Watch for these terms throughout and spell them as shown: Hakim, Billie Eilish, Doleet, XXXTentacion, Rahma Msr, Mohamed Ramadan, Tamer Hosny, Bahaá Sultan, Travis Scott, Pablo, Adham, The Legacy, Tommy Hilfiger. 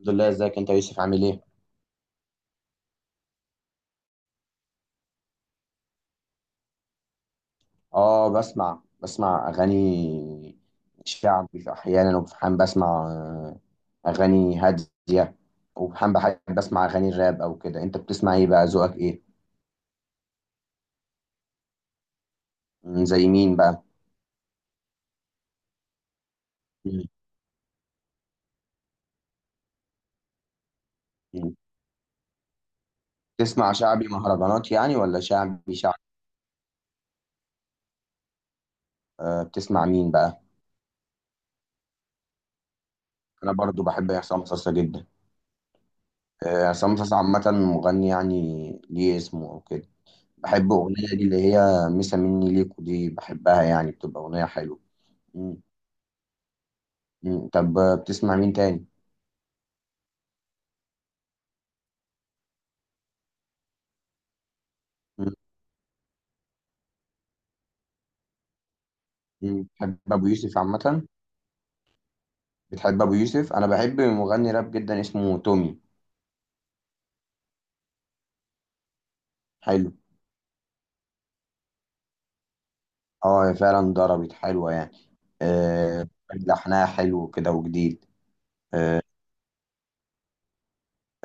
الحمد لله. ازيك انت يا يوسف عامل ايه؟ اه، بسمع اغاني شعبي في احيانا، وفي حين بسمع اغاني هاديه، وفي حين بحب بسمع اغاني الراب او كده. انت بتسمع ايه بقى، ذوقك ايه؟ زي مين بقى؟ مم، مم. بتسمع شعبي مهرجانات يعني، ولا شعبي شعبي؟ أه، بتسمع مين بقى؟ انا برضو بحب عصام صاصا جدا. عصام صاصا عامه مغني يعني، ليه اسمه او كده. بحب اغنيه دي اللي هي مسا مني ليكو دي، بحبها يعني، بتبقى اغنيه حلوه. مم. مم. طب بتسمع مين تاني؟ مم. مم. بتحب أبو يوسف عامة؟ بتحب أبو يوسف؟ أنا بحب مغني راب جدا اسمه تومي. حلو. اه، هي فعلا ضربت، حلوة يعني. آه لحنها حلو كده وجديد. آه.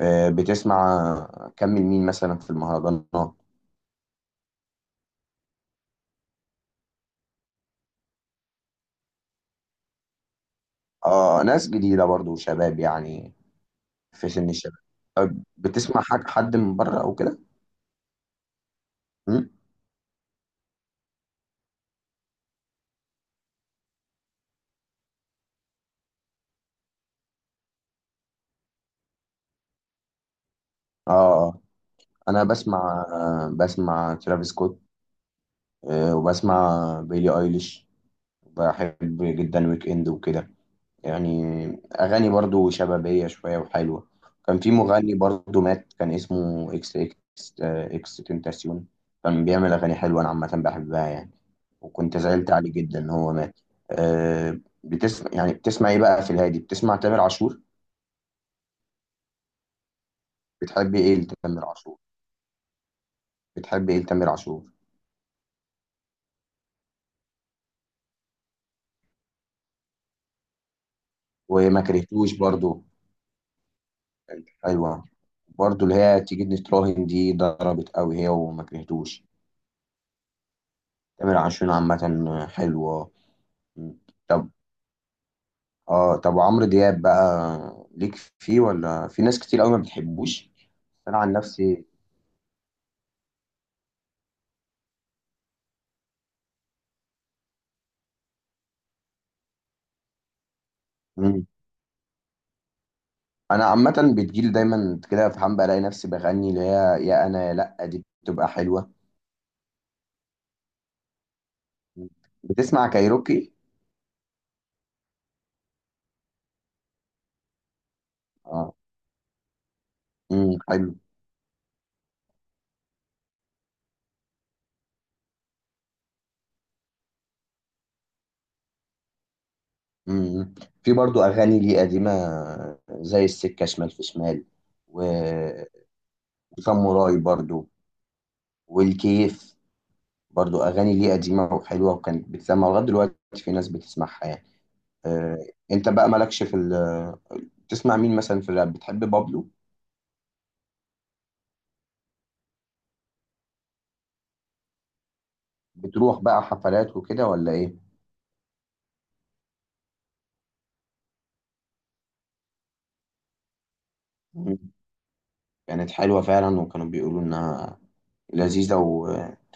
بتسمع كمل مين مثلا في المهرجانات؟ اه، ناس جديدة برضو، شباب يعني، في سن الشباب. طب بتسمع حد من بره أو كده؟ مم؟ اه، آه. انا بسمع ترافيس سكوت، وبسمع بيلي ايليش. بحب جدا ويك اند وكده، يعني اغاني برضو شبابيه شويه وحلوه. كان في مغني برضو مات، كان اسمه اكس اكس اكس تنتاسيون. كان بيعمل اغاني حلوه، انا عامه بحبها يعني، وكنت زعلت عليه جدا ان هو مات. أه، يعني بتسمع ايه بقى في الهادي، بتسمع تامر عاشور؟ بتحب ايه لتامر عاشور؟ بتحب ايه لتامر عاشور؟ وما كرهتوش برضو، كانت حلوه. برضو اللي هي تيجي نتراهن دي ضربت قوي، هي وما كرهتوش. تامر عاشور عامة حلوة. طب، اه طب، وعمرو دياب بقى ليك فيه، ولا في ناس كتير قوي ما بتحبوش؟ انا عن نفسي. مم. انا عامة بتجيلي دايما كده في حمام بلاقي نفسي بغني اللي هي يا انا يا لا دي، بتبقى حلوة. مم. بتسمع كايروكي؟ اه. حلو. امم. في برضو اغاني لي قديمة، زي السكة شمال في شمال، و- وفم وراي برضو، والكيف. برضو اغاني ليه قديمه وحلوه، وكانت بتسمع لغايه دلوقتي، في ناس بتسمعها يعني. آه، انت بقى مالكش في ال، بتسمع مين مثلا في الراب؟ بتحب بابلو؟ بتروح بقى حفلات وكده ولا ايه؟ مم. كانت حلوه فعلا، وكانوا بيقولوا انها لذيذه، وكان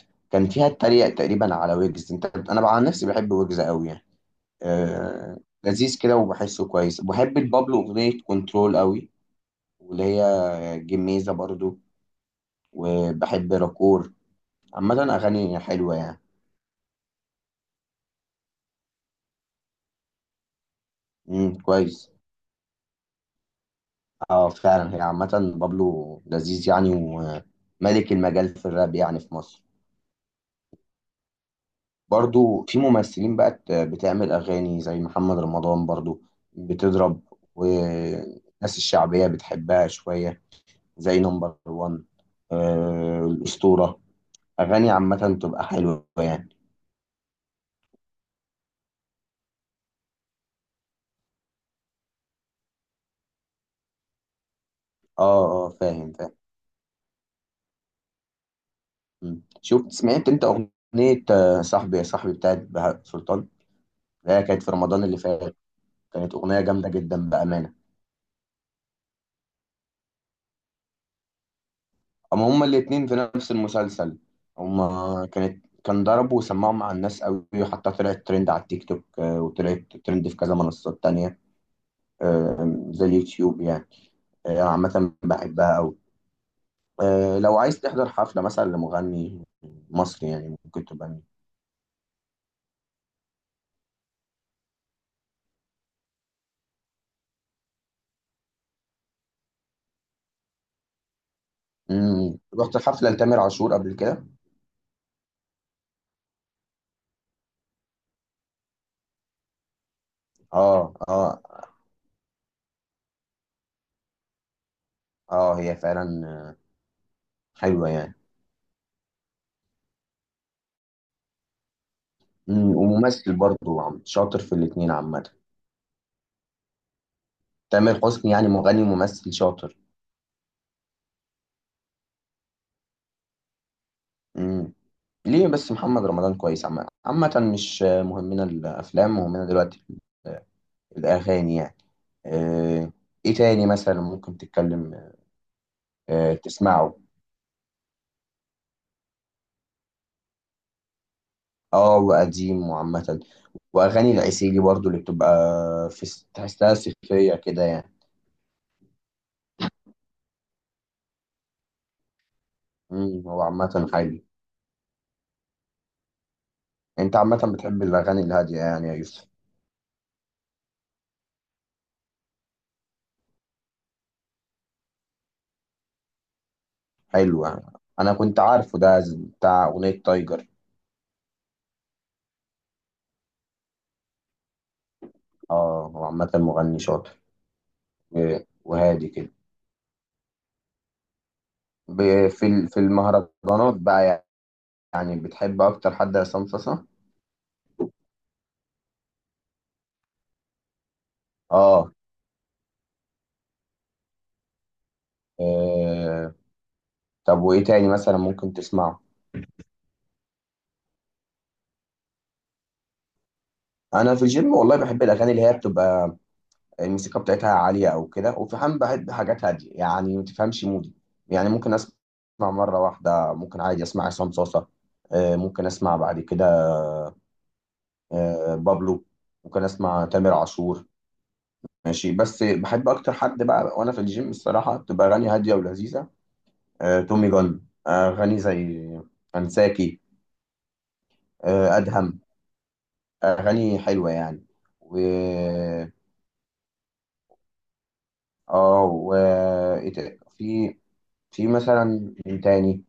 فيها التريق تقريبا على ويجز. انت، انا بقى عن نفسي بحب ويجز قوي يعني، آه، لذيذ كده، وبحسه كويس. بحب بابلو، اغنيه كنترول قوي، واللي هي جميزه برضو. وبحب راكور، عامه اغاني حلوه يعني. كويس. اه فعلا، هي عامة بابلو لذيذ يعني، وملك المجال في الراب يعني في مصر. برضو في ممثلين بقت بتعمل أغاني، زي محمد رمضان برضو بتضرب، والناس الشعبية بتحبها شوية، زي نمبر وان، الأسطورة، أغاني عامة بتبقى حلوة يعني. اه اه، فاهم فاهم. مم. سمعت انت أغنية صاحبي يا صاحبي بتاعت بهاء سلطان، اللي هي كانت في رمضان اللي فات؟ كانت أغنية جامدة جدا بأمان. اما هما الاتنين في نفس المسلسل، هما كان ضرب، وسمعوا مع الناس قوي، وحتى طلعت ترند على التيك توك، وطلعت ترند في كذا منصات تانية، زي اليوتيوب يعني. عامة بحبها قوي. لو عايز تحضر حفلة مثلا لمغني مصري يعني، ممكن تبقى مين؟ مم. رحت حفلة لتامر عاشور قبل كده؟ اه اه. اه هي فعلا حلوة يعني. مم. وممثل برضه شاطر في الاتنين عامة. تامر حسني يعني، مغني ممثل شاطر. مم. ليه بس، محمد رمضان كويس عامة مش مهمنا الأفلام، مهمنا دلوقتي ال- الأغاني يعني. آه، إيه تاني مثلا ممكن تتكلم تسمعه؟ وقديم وعامة. وأغاني العسيلي برضو اللي بتبقى، في تحسها صيفية كده يعني. هو عامة حلو. أنت عامة بتحب الأغاني الهادية يعني يا يوسف. حلو يعني. أنا كنت عارفه ده، بتاع أغنية تايجر. هو عامة مغني شاطر، وهادي كده. في في المهرجانات بقى، يعني بتحب اكتر حد عصام صاصا؟ اه. آه، طب وايه تاني مثلا ممكن تسمعه؟ انا في الجيم والله بحب الاغاني اللي هي بتبقى الموسيقى بتاعتها عاليه او كده، وفي حال بحب حاجات هاديه، يعني ما تفهمش مودي. يعني ممكن اسمع مره واحده ممكن عادي اسمع عصام صاصا، ممكن اسمع بعد كده بابلو، ممكن اسمع تامر عاشور، ماشي. بس بحب اكتر حد بقى وانا في الجيم الصراحه بتبقى اغاني هاديه ولذيذه، تومي جون، أغاني زي أنساكي، أدهم، أغاني حلوة يعني. و و إيه في، في مثلا مين تاني؟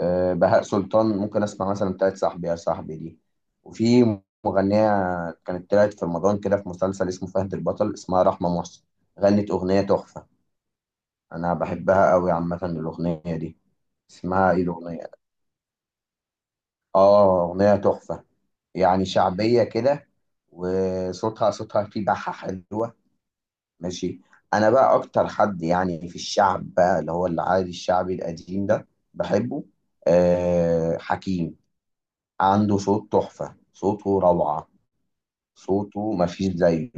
بهاء سلطان ممكن أسمع مثلا، بتاعت صاحبي يا صاحبي دي. وفي مغنية كانت طلعت في رمضان كده، في مسلسل اسمه فهد البطل، اسمها رحمة مصر، غنت أغنية تحفة، أنا بحبها أوي عامة الأغنية دي. اسمها إيه الأغنية؟ أغنية تحفة، يعني شعبية كده، وصوتها فيه بحة حلوة. ماشي. أنا بقى أكتر حد يعني في الشعب بقى اللي هو العادي الشعبي القديم ده، بحبه. حكيم، عنده صوت تحفة، صوته روعة، صوته مفيش زيه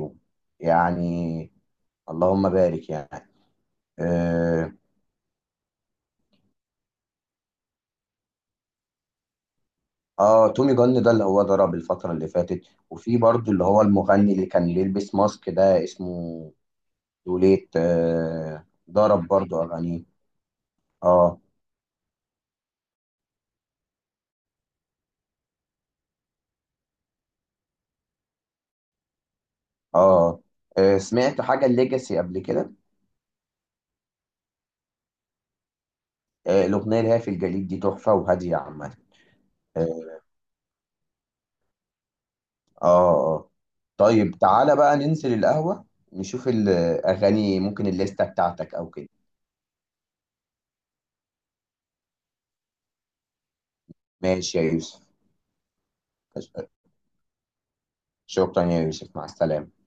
يعني، اللهم بارك يعني. اه. تومي جن ده اللي هو ضرب الفترة اللي فاتت. وفي برضو اللي هو المغني اللي كان بيلبس ماسك ده، اسمه دوليت. ضرب برضو أغانيه. اه. اه. سمعت حاجة الليجاسي قبل كده؟ الأغنية اللي هي في الجليد دي، تحفة وهادية عامة. اه. اه، آه. طيب تعالى بقى ننزل القهوة، نشوف الأغاني، ممكن الليستة بتاعتك أو كده. ماشي يا يوسف. شكرا يا يوسف، مع السلامة.